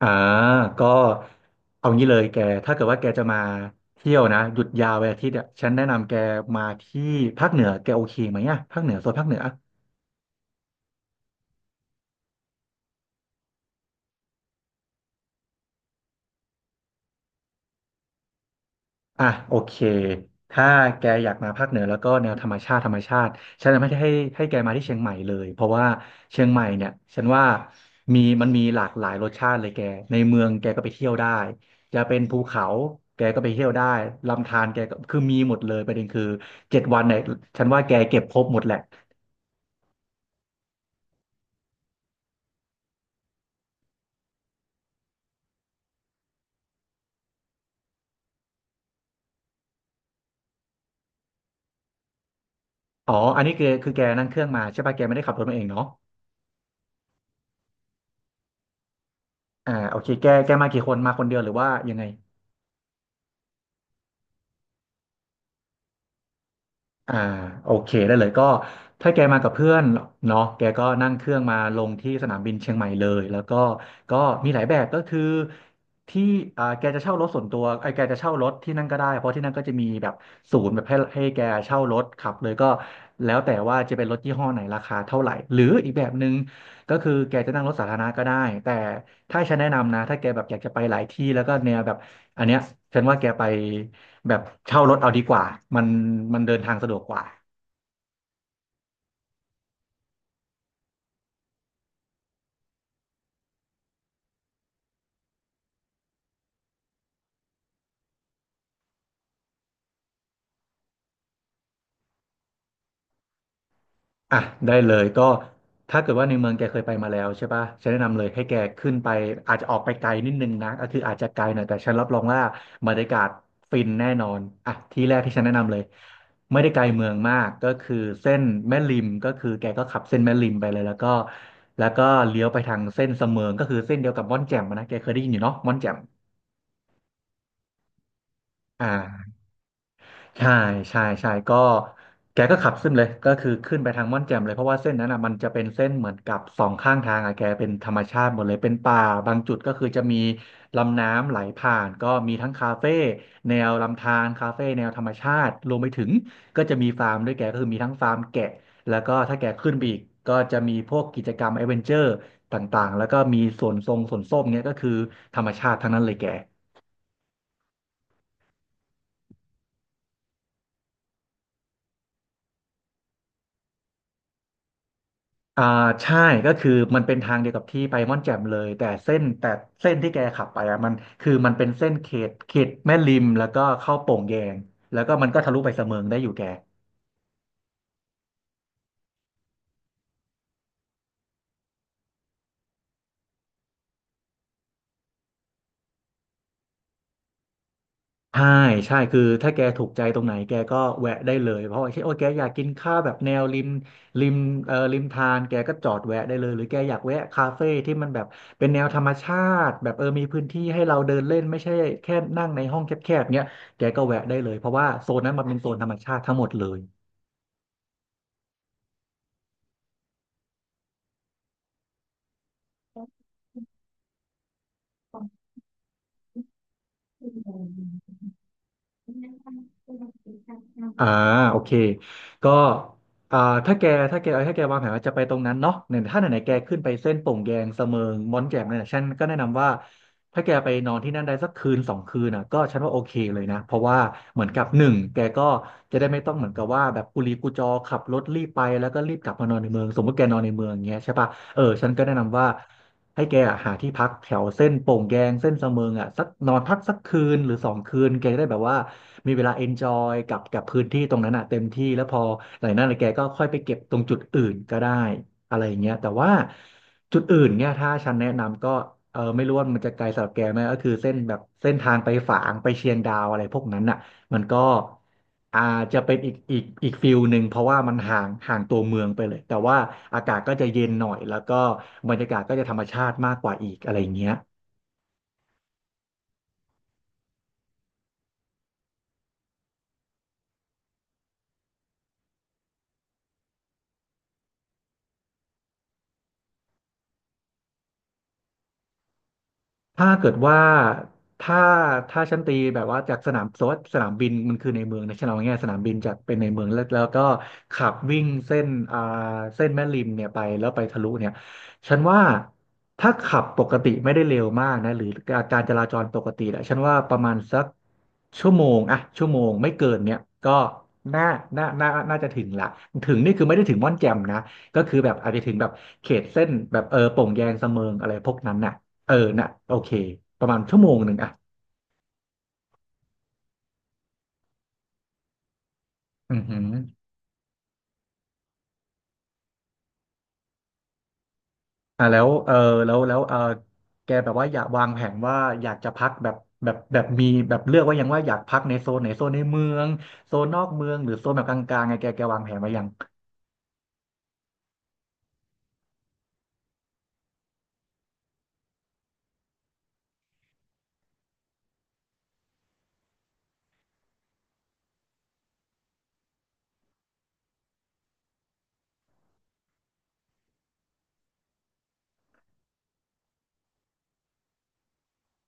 อ่าก็เอางี้เลยแกถ้าเกิดว่าแกจะมาเที่ยวนะหยุดยาววันอาทิตย์เนี่ยฉันแนะนำแกมาที่ภาคเหนือแกโอเคไหมอ่ะภาคเหนือโซนภาคเหนืออ่ะโอเคถ้าแกอยากมาภาคเหนือแล้วก็แนวธรรมชาติธรรมชาติฉันจะไม่ได้ให้แกมาที่เชียงใหม่เลยเพราะว่าเชียงใหม่เนี่ยฉันว่ามันมีหลากหลายรสชาติเลยแกในเมืองแกก็ไปเที่ยวได้จะเป็นภูเขาแกก็ไปเที่ยวได้ลำธารแกก็คือมีหมดเลยประเด็นคือ7 วันเนี่ยฉันว่าแกเก็บครบหมดแหละ อ๋ออันนี้คือแกนั่งเครื่องมาใช่ป่ะแกไม่ได้ขับรถมาเองเนาะโอเคแกมากี่คน มาคนเดียวหรือว่ายังไง อ่าโอเคได้เลยก็ถ้าแกมากับเพื่อนเนาะแกก็นั่งเครื่องมาลงที่สนามบินเชียงใหม่เลยแล้วก็มีหลายแบบก็คือที่แกจะเช่ารถส่วนตัวไอ้แกจะเช่ารถที่นั่นก็ได้เพราะที่นั่นก็จะมีแบบศูนย์แบบให้แกเช่ารถขับเลยก็แล้วแต่ว่าจะเป็นรถยี่ห้อไหนราคาเท่าไหร่หรืออีกแบบหนึ่งก็คือแกจะนั่งรถสาธารณะก็ได้แต่ถ้าฉันแนะนำนะถ้าแกแบบอยากจะไปหลายที่แล้วก็แนวแบบอันเนี้ยฉันว่าแกไป แบบเช่ารถเอาดีกว่ามันมันเดินทางสะดวกกว่าอ่ะได้เลยก็ถ้าเกิดว่าในเมืองแกเคยไปมาแล้วใช่ปะฉันแนะนำเลยให้แกขึ้นไปอาจจะออกไปไกลนิดนึงนะก็คืออาจจะไกลหน่อยแต่ฉันรับรองว่าบรรยากาศฟินแน่นอนอ่ะที่แรกที่ฉันแนะนำเลยไม่ได้ไกลเมืองมากก็คือเส้นแม่ริมก็คือแกก็ขับเส้นแม่ริมไปเลยแล้วก็เลี้ยวไปทางเส้นเสมิงก็คือเส้นเดียวกับม่อนแจ่มอะนะแกเคยได้ยินอยู่เนาะม่อนแจ่มอ่า ใช่ใช่ใช่ก็แกก็ขับขึ้นเลยก็คือขึ้นไปทางม่อนแจ่มเลยเพราะว่าเส้นนั้นอ่ะมันจะเป็นเส้นเหมือนกับสองข้างทางอ่ะแกเป็นธรรมชาติหมดเลยเป็นป่าบางจุดก็คือจะมีลำน้ำไหลผ่านก็มีทั้งคาเฟ่แนวลำธารคาเฟ่แนวธรรมชาติรวมไปถึงก็จะมีฟาร์มด้วยแกก็คือมีทั้งฟาร์มแกะแล้วก็ถ้าแกขึ้นไปอีกก็จะมีพวกกิจกรรมแอดเวนเจอร์ต่างๆแล้วก็มีสวนทรงสวนส้มเนี่ยก็คือธรรมชาติทั้งนั้นเลยแก อ่าใช่ก็คือมันเป็นทางเดียวกับที่ไปม่อนแจ่มเลยแต่เส้นแต่เส้นที่แกขับไปอ่ะมันคือมันเป็นเส้นเขตแม่ริมแล้วก็เข้าโป่งแยงแล้วก็มันก็ทะลุไปเสมิงได้อยู่แกใช่ใช่คือถ้าแกถูกใจตรงไหนแกก็แวะได้เลยเพราะว่าเช่นโอ้แกอยากกินข้าวแบบแนวริมริมริมทานแกก็จอดแวะได้เลยหรือแกอยากแวะคาเฟ่ที่มันแบบเป็นแนวธรรมชาติแบบเออมีพื้นที่ให้เราเดินเล่นไม่ใช่แค่นั่งในห้องแคบๆเนี้ยแกก็แวะได้เลยเพราะว่าโซนนั้นมันเป็นโซนธรรมชาติทั้งหมดเลย อ่าโอเคก็อ่าถ้าแกถ้าแกวางแผนว่าจะไปตรงนั้นเนาะเนี่ยถ้าไหนๆแกขึ้นไปเส้นโป่งแยงเสมิงม้อนแจ่มเนี่ยฉันก็แนะนำว่าถ้าแกไปนอนที่นั่นได้สักคืน 2 คืนอ่ะก็ฉันว่าโอเคเลยนะเพราะว่าเหมือนกับหนึ่งแกก็จะได้ไม่ต้องเหมือนกับว่าแบบกุลีกุจอขับรถรีบไปแล้วก็รีบกลับมานอนในเมืองสมมติแกนอนในเมืองอย่างเงี้ยใช่ปะเออฉันก็แนะนำว่า ให้แกอะหาที่พักแถวเส้นโป่งแยงเส้นสะเมิงอ่ะสักนอนพักสักคืนหรือ 2 คืนแกจะได้แบบว่ามีเวลาเอนจอยกับพื้นที่ตรงนั้นอ่ะเต็มที่แล้วพอหลังจากนั้นแกก็ค่อยไปเก็บตรงจุดอื่นก็ได้อะไรอย่างเงี้ยแต่ว่าจุดอื่นเนี่ยถ้าฉันแนะนำก็เออไม่รู้ว่ามันจะไกลสำหรับแกไหมก็คือเส้นแบบเส้นทางไปฝางไปเชียงดาวอะไรพวกนั้นอ่ะ มันก็อาจจะเป็นอีกฟิลหนึ่งเพราะว่ามันห่างตัวเมืองไปเลยแต่ว่าอากาศก็จะเย็นหน่อยแล้วก็บรรยากาศก็จะธรรมชาติมากกว่าอีกอะไรอย่างเงี้ย ถ้าเกิดว่าถ้าถ้าฉันตีแบบว่าจากสนามสมมติว่าสนามบินมันคือในเมืองนะฉันเอาง่ายๆสนามบินจากเป็นในเมืองแล้วก็ขับวิ่งเส้นอ่าเส้นแม่ริมเนี่ยไปแล้วไปทะลุเนี่ยฉันว่าถ้าขับปกติไม่ได้เร็วมากนะหรือการจราจรปกติแหละฉันว่าประมาณสักชั่วโมงอะชั่วโมงไม่เกินเนี่ยก็น่าน่าน่าจะถึงละถึงนี่คือไม่ได้ถึงม่อนแจ่มนะก็คือแบบอาจจะถึงแบบเขตเส้นแบบเออโป่งแยงสะเมิงอะไรพวกนั้นน่ะ เออน่ะโอเคประมาณชั่วโมงหนึ่งอ่ะอือหืออ่าแล้วเออแล้วเออแกแบบว่าอยากวางแผนว่าอยากจะพักแบบมีแบบเลือกไว่ายังว่าอยากพักในโซนไหนโซนในเมืองโซนนอกเมืองหรือโซนแบบกลางๆไงแกวางแผนไว้ยัง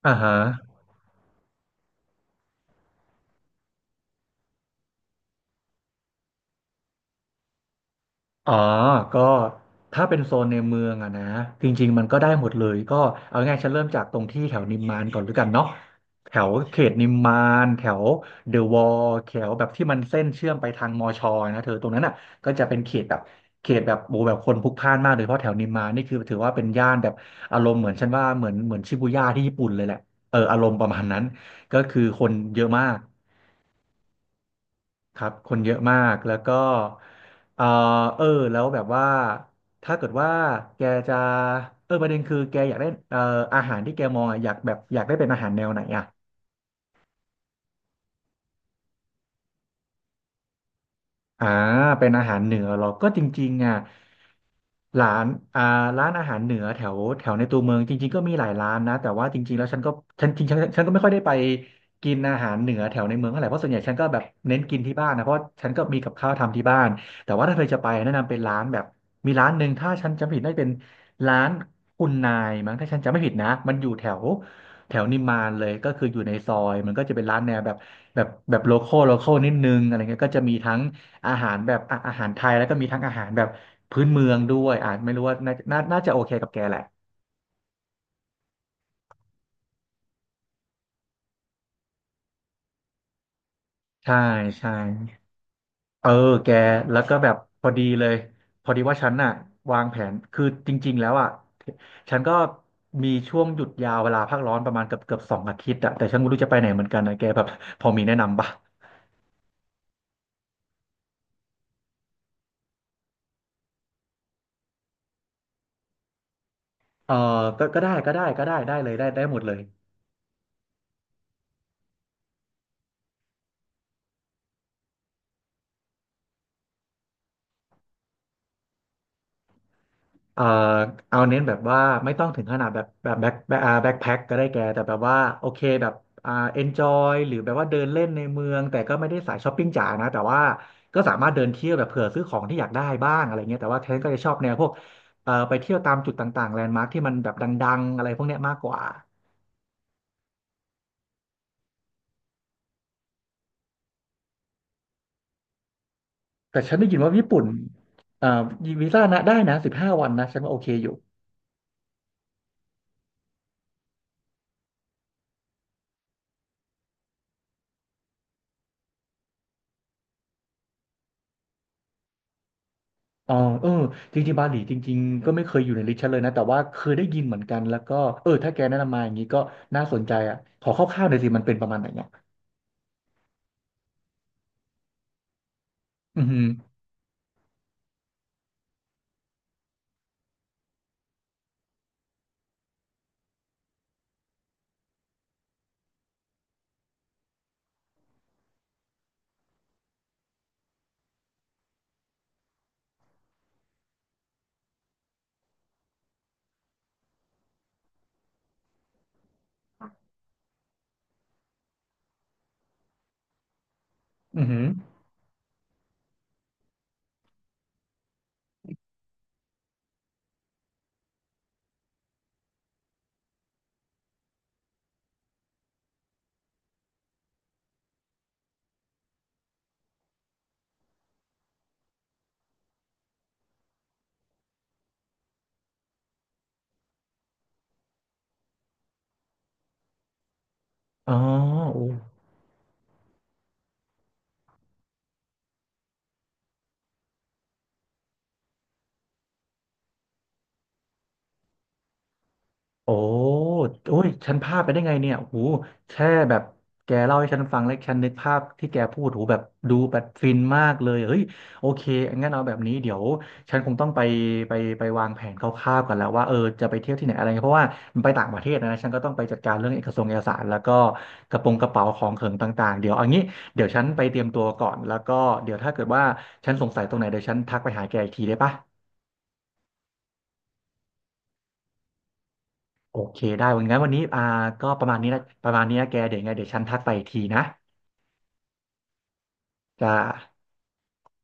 อ่าฮะ อ๋อก็ถ้าเป็นโซนในเมืองอะนะจริงๆมันก็ได้หมดเลย ก็เอาง่ายๆฉันเริ่มจากตรงที่แถวนิมมานก่อนแล้วกันเนาะแถวเขตนิมมาน แถวเดอะวอลแถวแบบที่มันเส้นเชื่อมไปทางมอชอนะเธอตรงนั้นอ่ะก็จะเป็นเขตแบบโบแบบคนพลุกพล่านมากโดยเฉพาะแถวนิมมานนี่คือถือว่าเป็นย่านแบบอารมณ์เหมือนฉันว่าเหมือนชิบูย่าที่ญี่ปุ่นเลยแหละเอออารมณ์ประมาณนั้นก็คือคนเยอะมาก ครับคนเยอะมาก แล้วก็เออเออแล้วแบบว่าถ้าเกิดว่าแกจะเออประเด็นคือแกอยากได้อาหารที่แกมองอะอยากแบบอยากได้เป็นอาหารแนวไหนอ่ะ อ่าเป็นอาหารเหนือเหรอก็จริงๆอ่ะร้านอ่าร้านอาหารเหนือแถวแถวในตัวเมืองจริงๆก็มีหลายร้านนะแต่ว่าจริงๆแล้วฉันจริงๆฉันก็ไม่ค่อยได้ไปกินอาหารเหนือแถวในเมืองเท่าไหร่เพราะส่วนใหญ่ฉันก็แบบเน้นกินที่บ้านนะเพราะฉันก็มีกับข้าวทำที่บ้านแต่ว่าถ้าเธอจะไปแนะนำเป็นร้านแบบมีร้านหนึ่งถ้าฉันจำไม่ผิดน่าจะเป็นร้านคุณนายมั้งถ้าฉันจำไม่ผิดนะมันอยู่แถวแถวนิมมานเลยก็คืออยู่ในซอยมันก็จะเป็นร้านแนวแบบโลคอลนิดนึงอะไรเงี้ยก็จะมีทั้ง อาหารแบบอ่ะอาหารไทยแล้วก็มีทั้งอาหารแบบพื้นเมืองด้วยอ่ะไม่รู้ว่าน่าน่าจะโอเคกับแกแหละใช่ใช่เออแกแล้วก็แบบพอดีเลยพอดีว่าฉันน่ะวางแผนคือจริงๆแล้วอ่ะฉันก็มีช่วงหยุดยาวเวลาพักร้อนประมาณเกือบ2 อาทิตย์อ่ะแต่ฉันไม่รู้จะไปไหนเหมือนกันนะแกแบบพอมีแนะนำปะเออก็ก็ได้ก็ได้ก็ได้ได้เลยได้ได้หมดเลย เอ่อเอาเน้นแบบว่าไม่ต้องถึงขนาดแบบแบ็คแบ็คอ่าแบ็คแพ็คก็ได้แกแต่แบบว่าโอเคแบบอ่าเอนจอยหรือแบบว่าเดินเล่นในเมืองแต่ก็ไม่ได้สายช้อปปิ้งจ๋านะแต่ว่าก็สามารถเดินเที่ยวแบบเผื่อซื้อของที่อยากได้บ้างอะไรเงี้ยแต่ว่าเทนก็จะชอบแนวพวกไปเที่ยวตามจุดต่างๆแลนด์มาร์คที่มันแบบดังๆอะไรพวกเนี้ยมากกว่าแต่ฉันได้ยินว่าญี่ปุ่นเอ่อวีซ่านะได้นะ15 วันนะฉันว่าโอเคอยู่ อ๋อเออจริงๆบาหลีจริงๆก็ไม่เคยอยู่ในลิสต์ฉันเลยนะแต่ว่าเคยได้ยินเหมือนกันแล้วก็เออถ้าแกแนะนำมาอย่างนี้ก็น่าสนใจอ่ะขอคร่าวๆหน่อยสิมันเป็นประมาณไหนเนี่ยอือหืออือหืออ๋อโอ้ โอ้โอ้ยฉันพลาดไปได้ไงเนี่ยโอ้โหแค่แบบแกเล่าให้ฉันฟังแล้วฉันนึกภาพที่แกพูดโอ้โหแบบดูแบบฟินมากเลยเฮ้ยโอเคงั้นเอาแบบนี้เดี๋ยวฉันคงต้องไปไปวางแผนคร่าวๆกันแล้วว่าเออจะไปเที่ยวที่ไหนอะไรเงี้ยเพราะว่ามันไปต่างประเทศนะ ฉันก็ต้องไปจัดการเรื่องเอกสงค์เอกสารแล้วก็กระโปรงกระเป๋าของเขิงต่างๆเดี๋ยวเอางี้เดี๋ยวฉันไปเตรียมตัวก่อนแล้วก็เดี๋ยวถ้าเกิดว่าฉันสงสัยตรงไหนเดี๋ยวฉันทักไปหาแกอีกทีได้ปะ โอเคได้งั้นวันนี้อ่าก็ประมาณนี้นะประมาณนี้นะแกเดี๋ยวยังไงเดี๋ยวฉันทักไปอีกทีนะจ้า